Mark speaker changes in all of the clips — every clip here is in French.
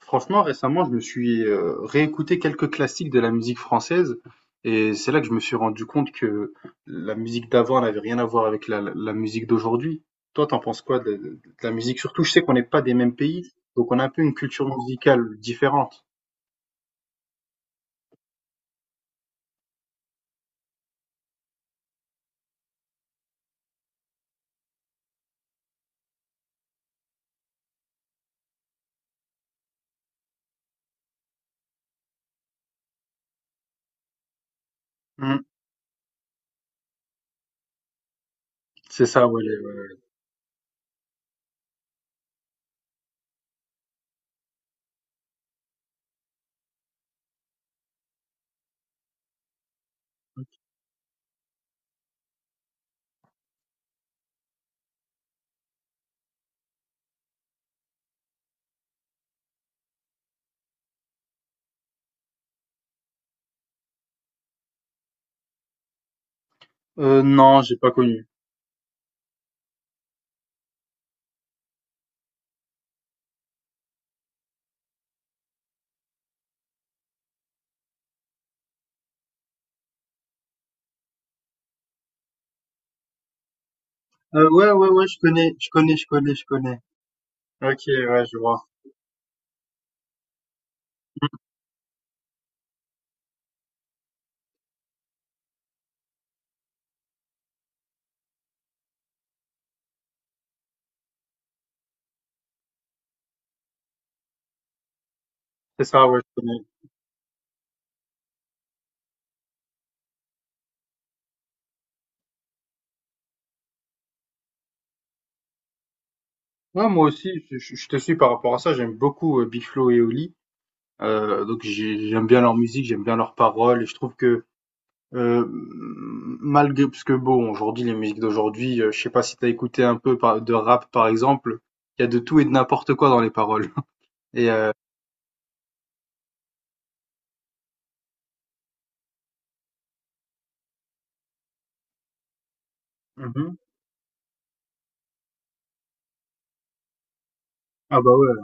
Speaker 1: Franchement, récemment, je me suis réécouté quelques classiques de la musique française et c'est là que je me suis rendu compte que la musique d'avant n'avait rien à voir avec la musique d'aujourd'hui. Toi, t'en penses quoi de la musique? Surtout, je sais qu'on n'est pas des mêmes pays, donc on a un peu une culture musicale différente. Hmm, c'est ça, ouais. Ouais, ouais. Non, j'ai pas connu. Ouais, ouais, ouais, je connais, je connais, je connais, je connais. Ok, ouais, je vois. C'est ça, ouais, je connais. Ouais, moi aussi, je te suis par rapport à ça. J'aime beaucoup Big Flo et Oli. Donc j'aime bien leur musique, j'aime bien leurs paroles et je trouve que euh, malgré parce que bon aujourd'hui les musiques d'aujourd'hui, je sais pas si t'as écouté un peu de rap par exemple, il y a de tout et de n'importe quoi dans les paroles. Et Mhm. Ah bah ouais,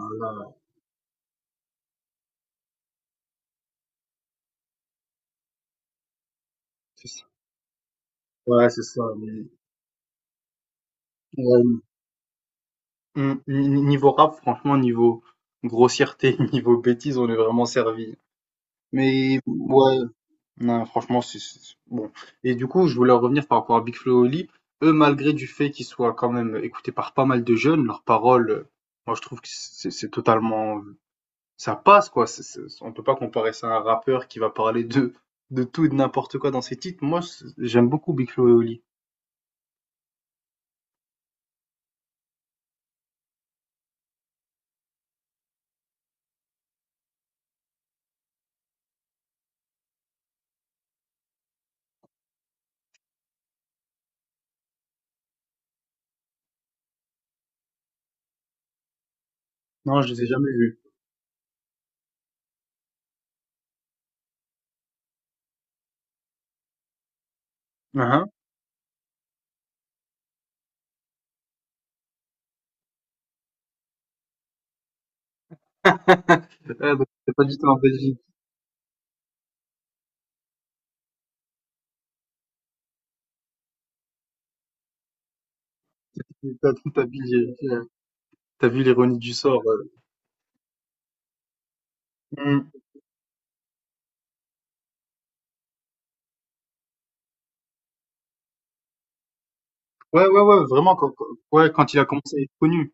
Speaker 1: c'est ça. Ouais c'est ça. Mais, ouais, niveau rap franchement niveau grossièreté, niveau bêtise on est vraiment servi. Mais ouais. Non, franchement, bon. Et du coup, je voulais en revenir par rapport à Big Flo et Oli. Eux, malgré du fait qu'ils soient quand même écoutés par pas mal de jeunes, leurs paroles, moi, je trouve que c'est totalement, ça passe, quoi. On peut pas comparer ça à un rappeur qui va parler de tout et de n'importe quoi dans ses titres. Moi, j'aime beaucoup Big Flo et Oli. Non, je les ai jamais vus. Hein. Ouais, donc, c'est pas du tout en Belgique. T'as t'as vu l'ironie du sort. Mm. Ouais, ouais, ouais, vraiment. Ouais, quand il a commencé à être connu.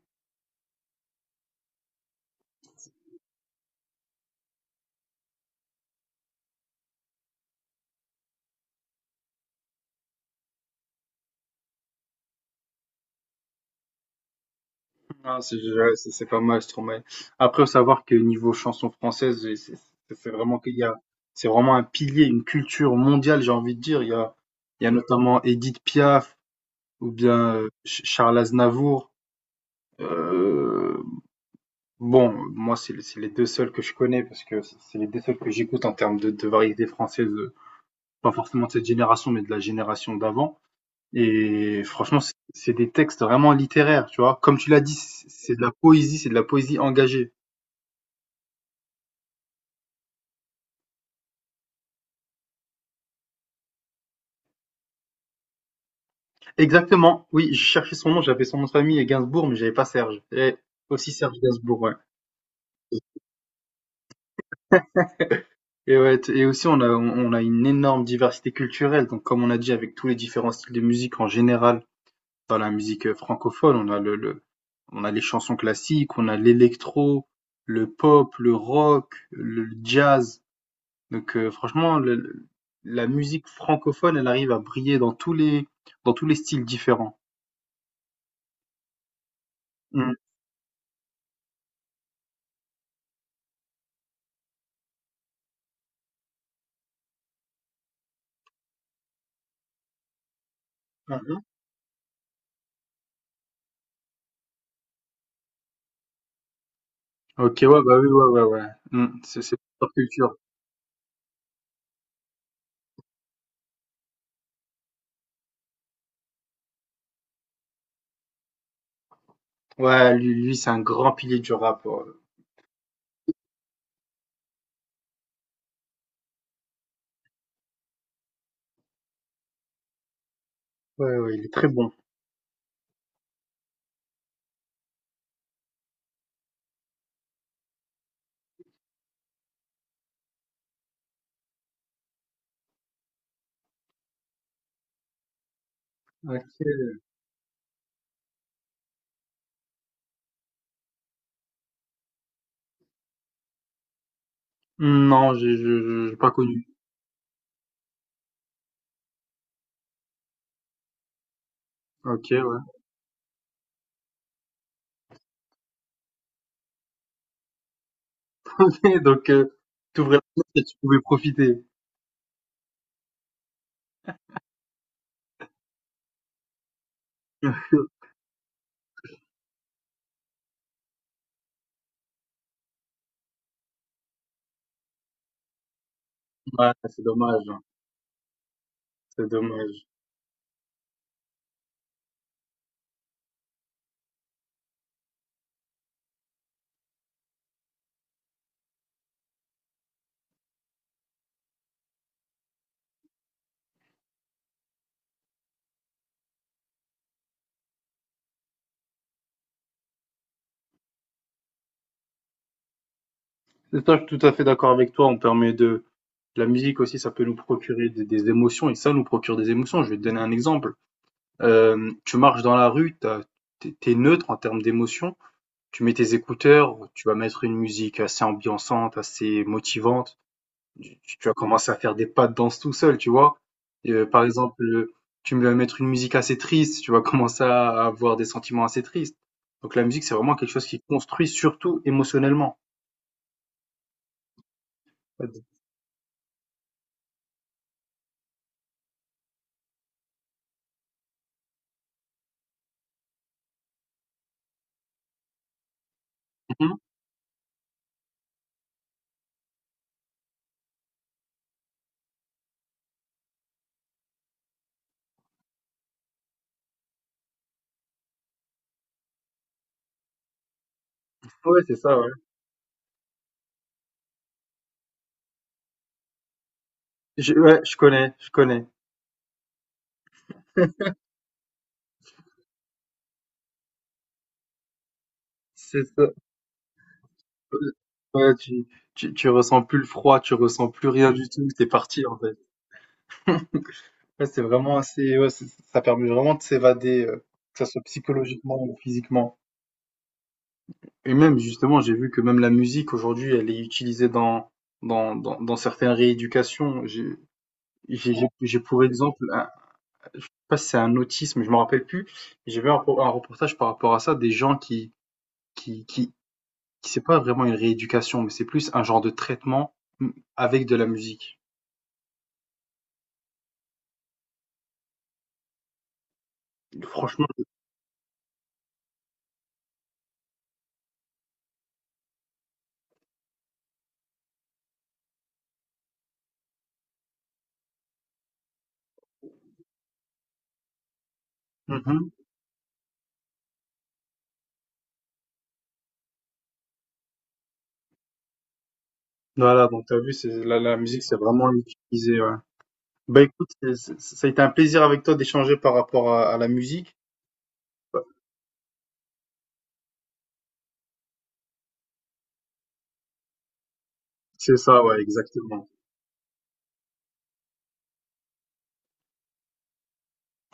Speaker 1: Ah, c'est ouais, c'est pas mal, Stromae. Après, faut savoir que niveau chanson française, c'est vraiment qu'il y a, c'est vraiment un pilier, une culture mondiale, j'ai envie de dire. Il y a notamment Edith Piaf ou bien Charles Aznavour. Euh, bon, moi, c'est les deux seuls que je connais parce que c'est les deux seuls que j'écoute en termes de variété française, pas forcément de cette génération, mais de la génération d'avant. Et franchement, c'est des textes vraiment littéraires, tu vois. Comme tu l'as dit, c'est de la poésie, c'est de la poésie engagée. Exactement, oui, je cherchais son nom, j'avais son nom de famille et Gainsbourg, mais j'avais pas Serge. Et aussi Serge Gainsbourg, ouais. Et ouais, et aussi on a une énorme diversité culturelle. Donc comme on a dit avec tous les différents styles de musique en général, dans la musique francophone, on a on a les chansons classiques, on a l'électro, le pop, le rock, le jazz. Donc franchement, la musique francophone, elle arrive à briller dans tous les styles différents. Mm. OK, ouais, bah oui, ouais, ouais, ouais. Mmh, c'est pop culture. Ouais, lui c'est un grand pilier du rap. Ouais, ouais, ouais, il est très bon. OK. Hmm, non, j'ai pas connu. OK, ouais. Donc, t'ouvrais la fenêtre et tu pouvais profiter. Ouais, c'est dommage, hein. C'est dommage. Et toi, je suis tout à fait d'accord avec toi. On permet de la musique aussi, ça peut nous procurer des émotions et ça nous procure des émotions. Je vais te donner un exemple. Tu marches dans la rue, t'es neutre en termes d'émotions. Tu mets tes écouteurs, tu vas mettre une musique assez ambiançante, assez motivante. Tu vas commencer à faire des pas de danse tout seul, tu vois? Par exemple, tu vas mettre une musique assez triste, tu vas commencer à avoir des sentiments assez tristes. Donc la musique, c'est vraiment quelque chose qui construit surtout émotionnellement. Mhm. Ouais, c'est ça, ouais. Je, ouais, je connais, je connais. C'est ça. Ouais, tu ressens plus le froid, tu ressens plus rien du tout, t'es parti en fait. Ouais, c'est vraiment assez, ouais, ça permet vraiment de s'évader, que ce soit psychologiquement ou physiquement. Et même, justement, j'ai vu que même la musique aujourd'hui, elle est utilisée dans certaines rééducations. J'ai pour exemple, je sais pas si c'est un autisme, je me rappelle plus. J'ai vu un, un reportage par rapport à ça, des gens qui, qui, qui c'est pas vraiment une rééducation, mais c'est plus un genre de traitement mm, avec de la musique. Franchement, mhm. Voilà, donc t'as vu, c'est, la musique, c'est vraiment utilisé, ouais. Bah écoute, ça a été un plaisir avec toi d'échanger par rapport à la musique. C'est ça, ouais, exactement.